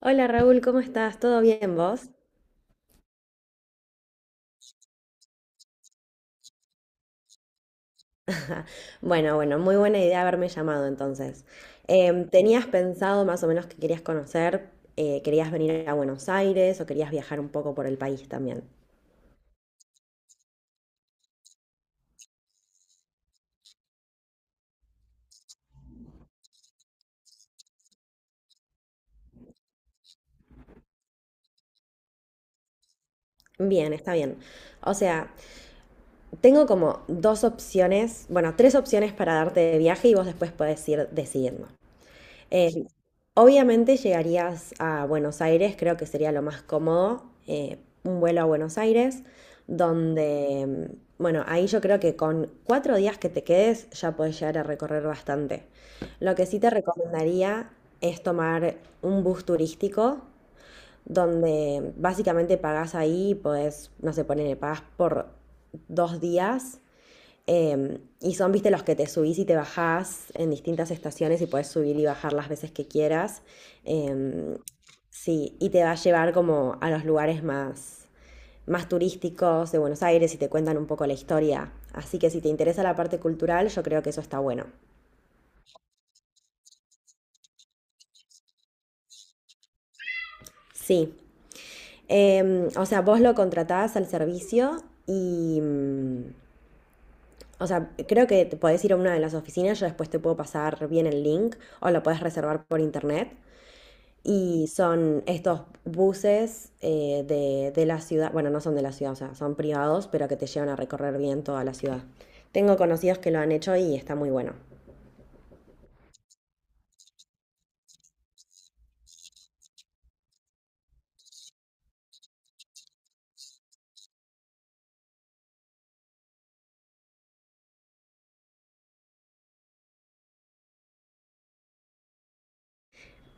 Hola Raúl, ¿cómo estás? ¿Todo bien vos? Bueno, bueno, muy buena idea haberme llamado entonces. ¿Tenías pensado más o menos que querías conocer, querías venir a Buenos Aires o querías viajar un poco por el país también? Bien, está bien. O sea, tengo como dos opciones, bueno, tres opciones para darte de viaje y vos después podés ir decidiendo. Eh, Obviamente llegarías a Buenos Aires, creo que sería lo más cómodo, un vuelo a Buenos Aires, donde, bueno, ahí yo creo que con 4 días que te quedes ya puedes llegar a recorrer bastante. Lo que sí te recomendaría es tomar un bus turístico, donde básicamente pagás ahí, pues, no sé, ponele, pagás por 2 días y son, viste, los que te subís y te bajás en distintas estaciones y puedes subir y bajar las veces que quieras. Eh, sí, y te va a llevar como a los lugares más, más turísticos de Buenos Aires y te cuentan un poco la historia. Así que si te interesa la parte cultural, yo creo que eso está bueno. Sí. O sea, vos lo contratás al servicio y, o sea, creo que te podés ir a una de las oficinas, yo después te puedo pasar bien el link o lo podés reservar por internet. Y son estos buses de la ciudad, bueno, no son de la ciudad, o sea, son privados, pero que te llevan a recorrer bien toda la ciudad. Tengo conocidos que lo han hecho y está muy bueno.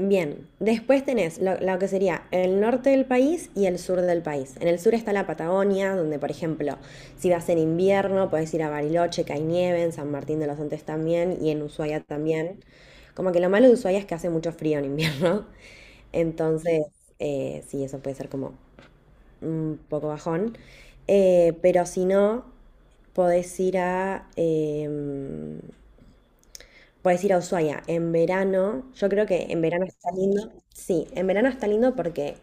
Bien, después tenés lo que sería el norte del país y el sur del país. En el sur está la Patagonia, donde por ejemplo, si vas en invierno, puedes ir a Bariloche, que hay nieve, en San Martín de los Andes también y en Ushuaia también. Como que lo malo de Ushuaia es que hace mucho frío en invierno. Entonces, sí, eso puede ser como un poco bajón. Pero si no, podés ir a, eh, podés ir a Ushuaia. En verano, yo creo que en verano está lindo. Sí, en verano está lindo porque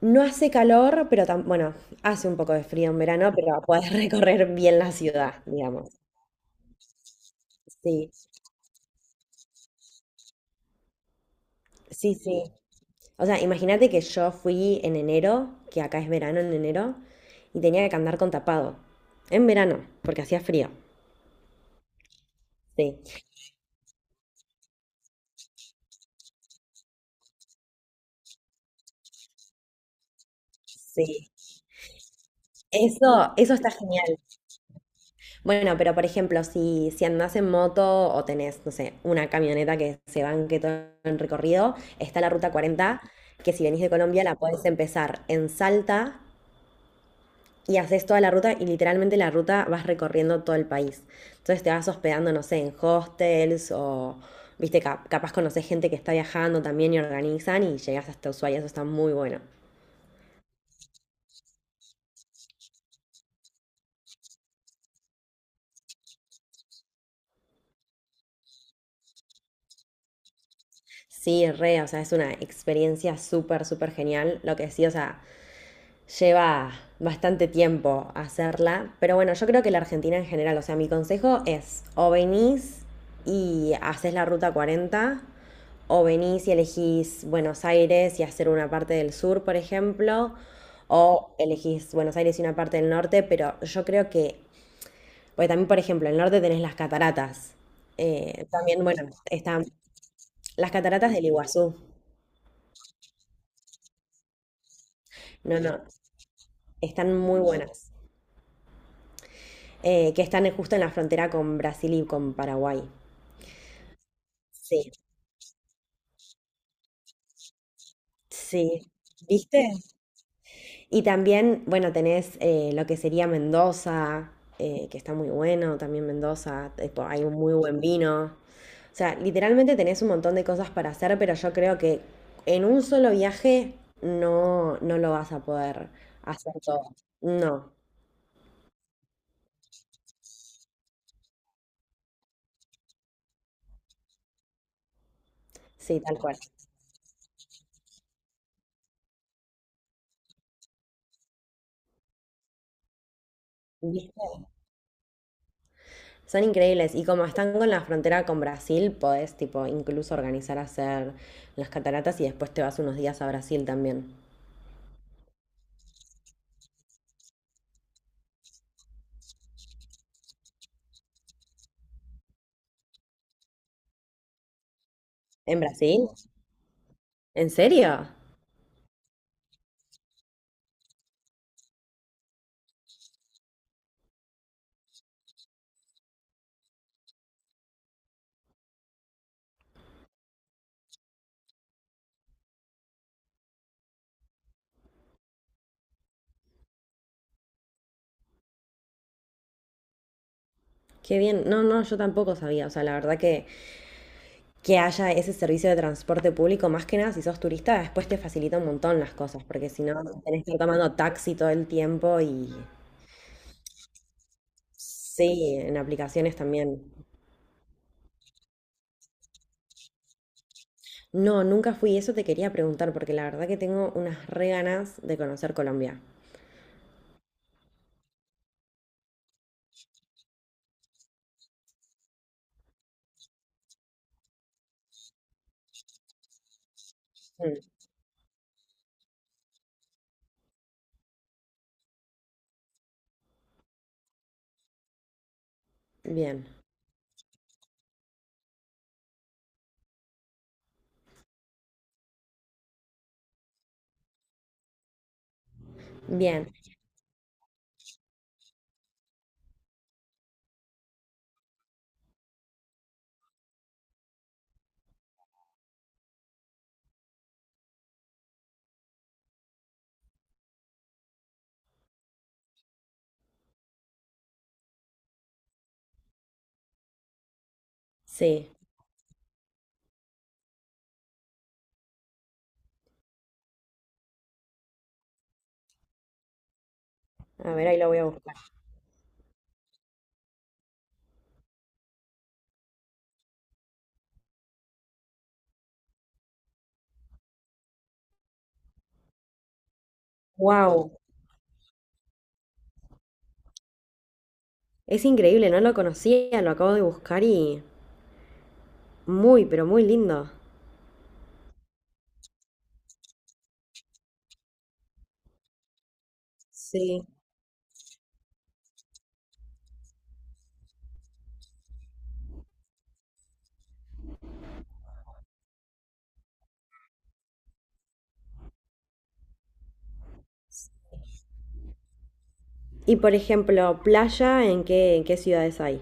no hace calor, pero bueno, hace un poco de frío en verano, pero podés recorrer bien la ciudad, digamos. Sí, sí, sí. O sea, imagínate que yo fui en enero, que acá es verano en enero, y tenía que andar con tapado. En verano, porque hacía frío. Sí, sí. Eso está genial. Bueno, pero por ejemplo, si andás en moto o tenés, no sé, una camioneta que se banque todo el recorrido, está la ruta 40 que si venís de Colombia la podés empezar en Salta y haces toda la ruta y literalmente la ruta vas recorriendo todo el país. Entonces te vas hospedando, no sé, en hostels o, viste, capaz conocés gente que está viajando también y organizan y llegás hasta Ushuaia, eso está muy bueno. Sí, re, o sea, es una experiencia súper, súper genial. Lo que sí, o sea, lleva bastante tiempo hacerla, pero bueno, yo creo que la Argentina en general, o sea, mi consejo es o venís y haces la ruta 40, o venís y elegís Buenos Aires y hacer una parte del sur, por ejemplo, o elegís Buenos Aires y una parte del norte, pero yo creo que, porque también, por ejemplo, el norte tenés las cataratas, también, bueno, están las cataratas del Iguazú, no, no, están muy buenas. Que están justo en la frontera con Brasil y con Paraguay. Sí, sí. ¿Viste? Y también, bueno, tenés lo que sería Mendoza, que está muy bueno, también Mendoza, hay un muy buen vino. O sea, literalmente tenés un montón de cosas para hacer, pero yo creo que en un solo viaje no, no lo vas a poder hacer todo. No, sí, tal cual. Son increíbles y como están con la frontera con Brasil, podés tipo incluso organizar hacer las cataratas y después te vas unos días a Brasil también. ¿En Brasil? ¿En serio? Qué bien. No, no, yo tampoco sabía. O sea, la verdad que haya ese servicio de transporte público, más que nada si sos turista, después te facilita un montón las cosas, porque si no tenés que estar tomando taxi todo el tiempo y sí, en aplicaciones también. No, nunca fui. Eso te quería preguntar porque la verdad que tengo unas re ganas de conocer Colombia. Mm. Bien. Bien, sí. A ver, ahí lo voy a buscar. Wow, es increíble, no lo conocía, lo acabo de buscar y muy, pero muy lindo. Sí. Y por ejemplo, playa, ¿en qué ciudades hay?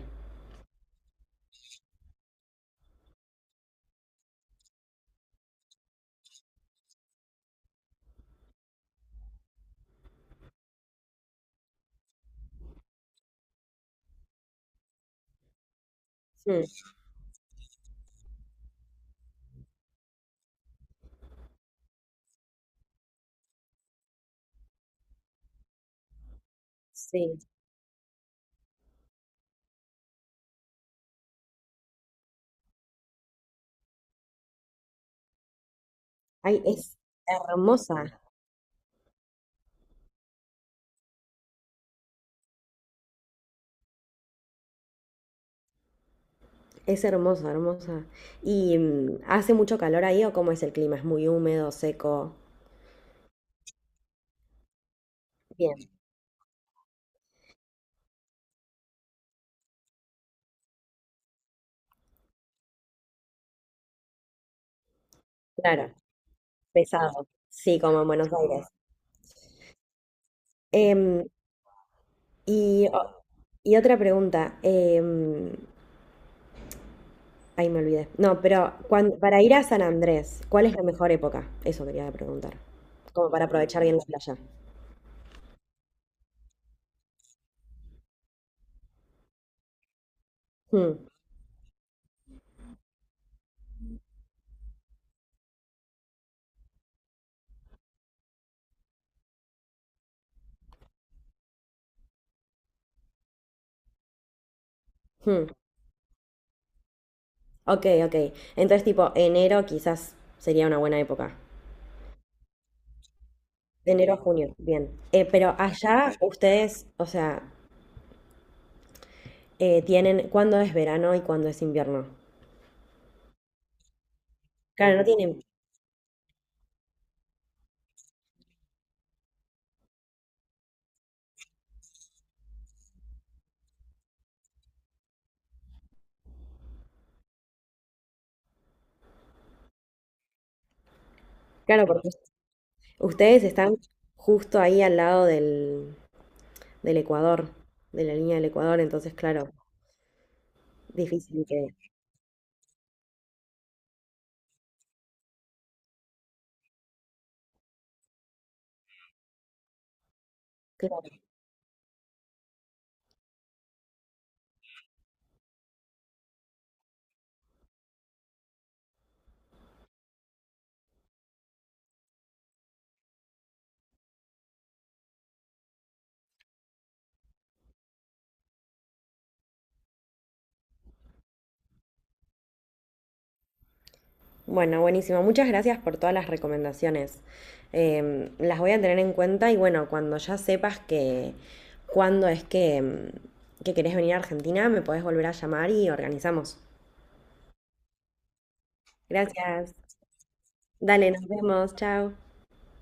Mm, sí. Ay, hermosa, es hermosa, hermosa. ¿Y hace mucho calor ahí o cómo es el clima? ¿Es muy húmedo, seco? Bien, claro, pesado. Sí, como en Buenos Aires. Em, y, o- y otra pregunta, ahí me olvidé. No, pero para ir a San Andrés, ¿cuál es la mejor época? Eso quería preguntar. Como para aprovechar bien la playa. Hmm, hmm. Ok, ok. Entonces, tipo, enero quizás sería una buena época. De enero a junio, bien. Pero allá ustedes, o sea, tienen cuándo es verano y cuándo es invierno. Claro, no tienen. Claro, porque ustedes están justo ahí al lado del, Ecuador, de la línea del Ecuador, entonces, claro, difícil que... Bueno, buenísimo. Muchas gracias por todas las recomendaciones. Las voy a tener en cuenta y bueno, cuando ya sepas que cuándo es que querés venir a Argentina, me podés volver a llamar y organizamos. Gracias. Dale, nos vemos. Chao.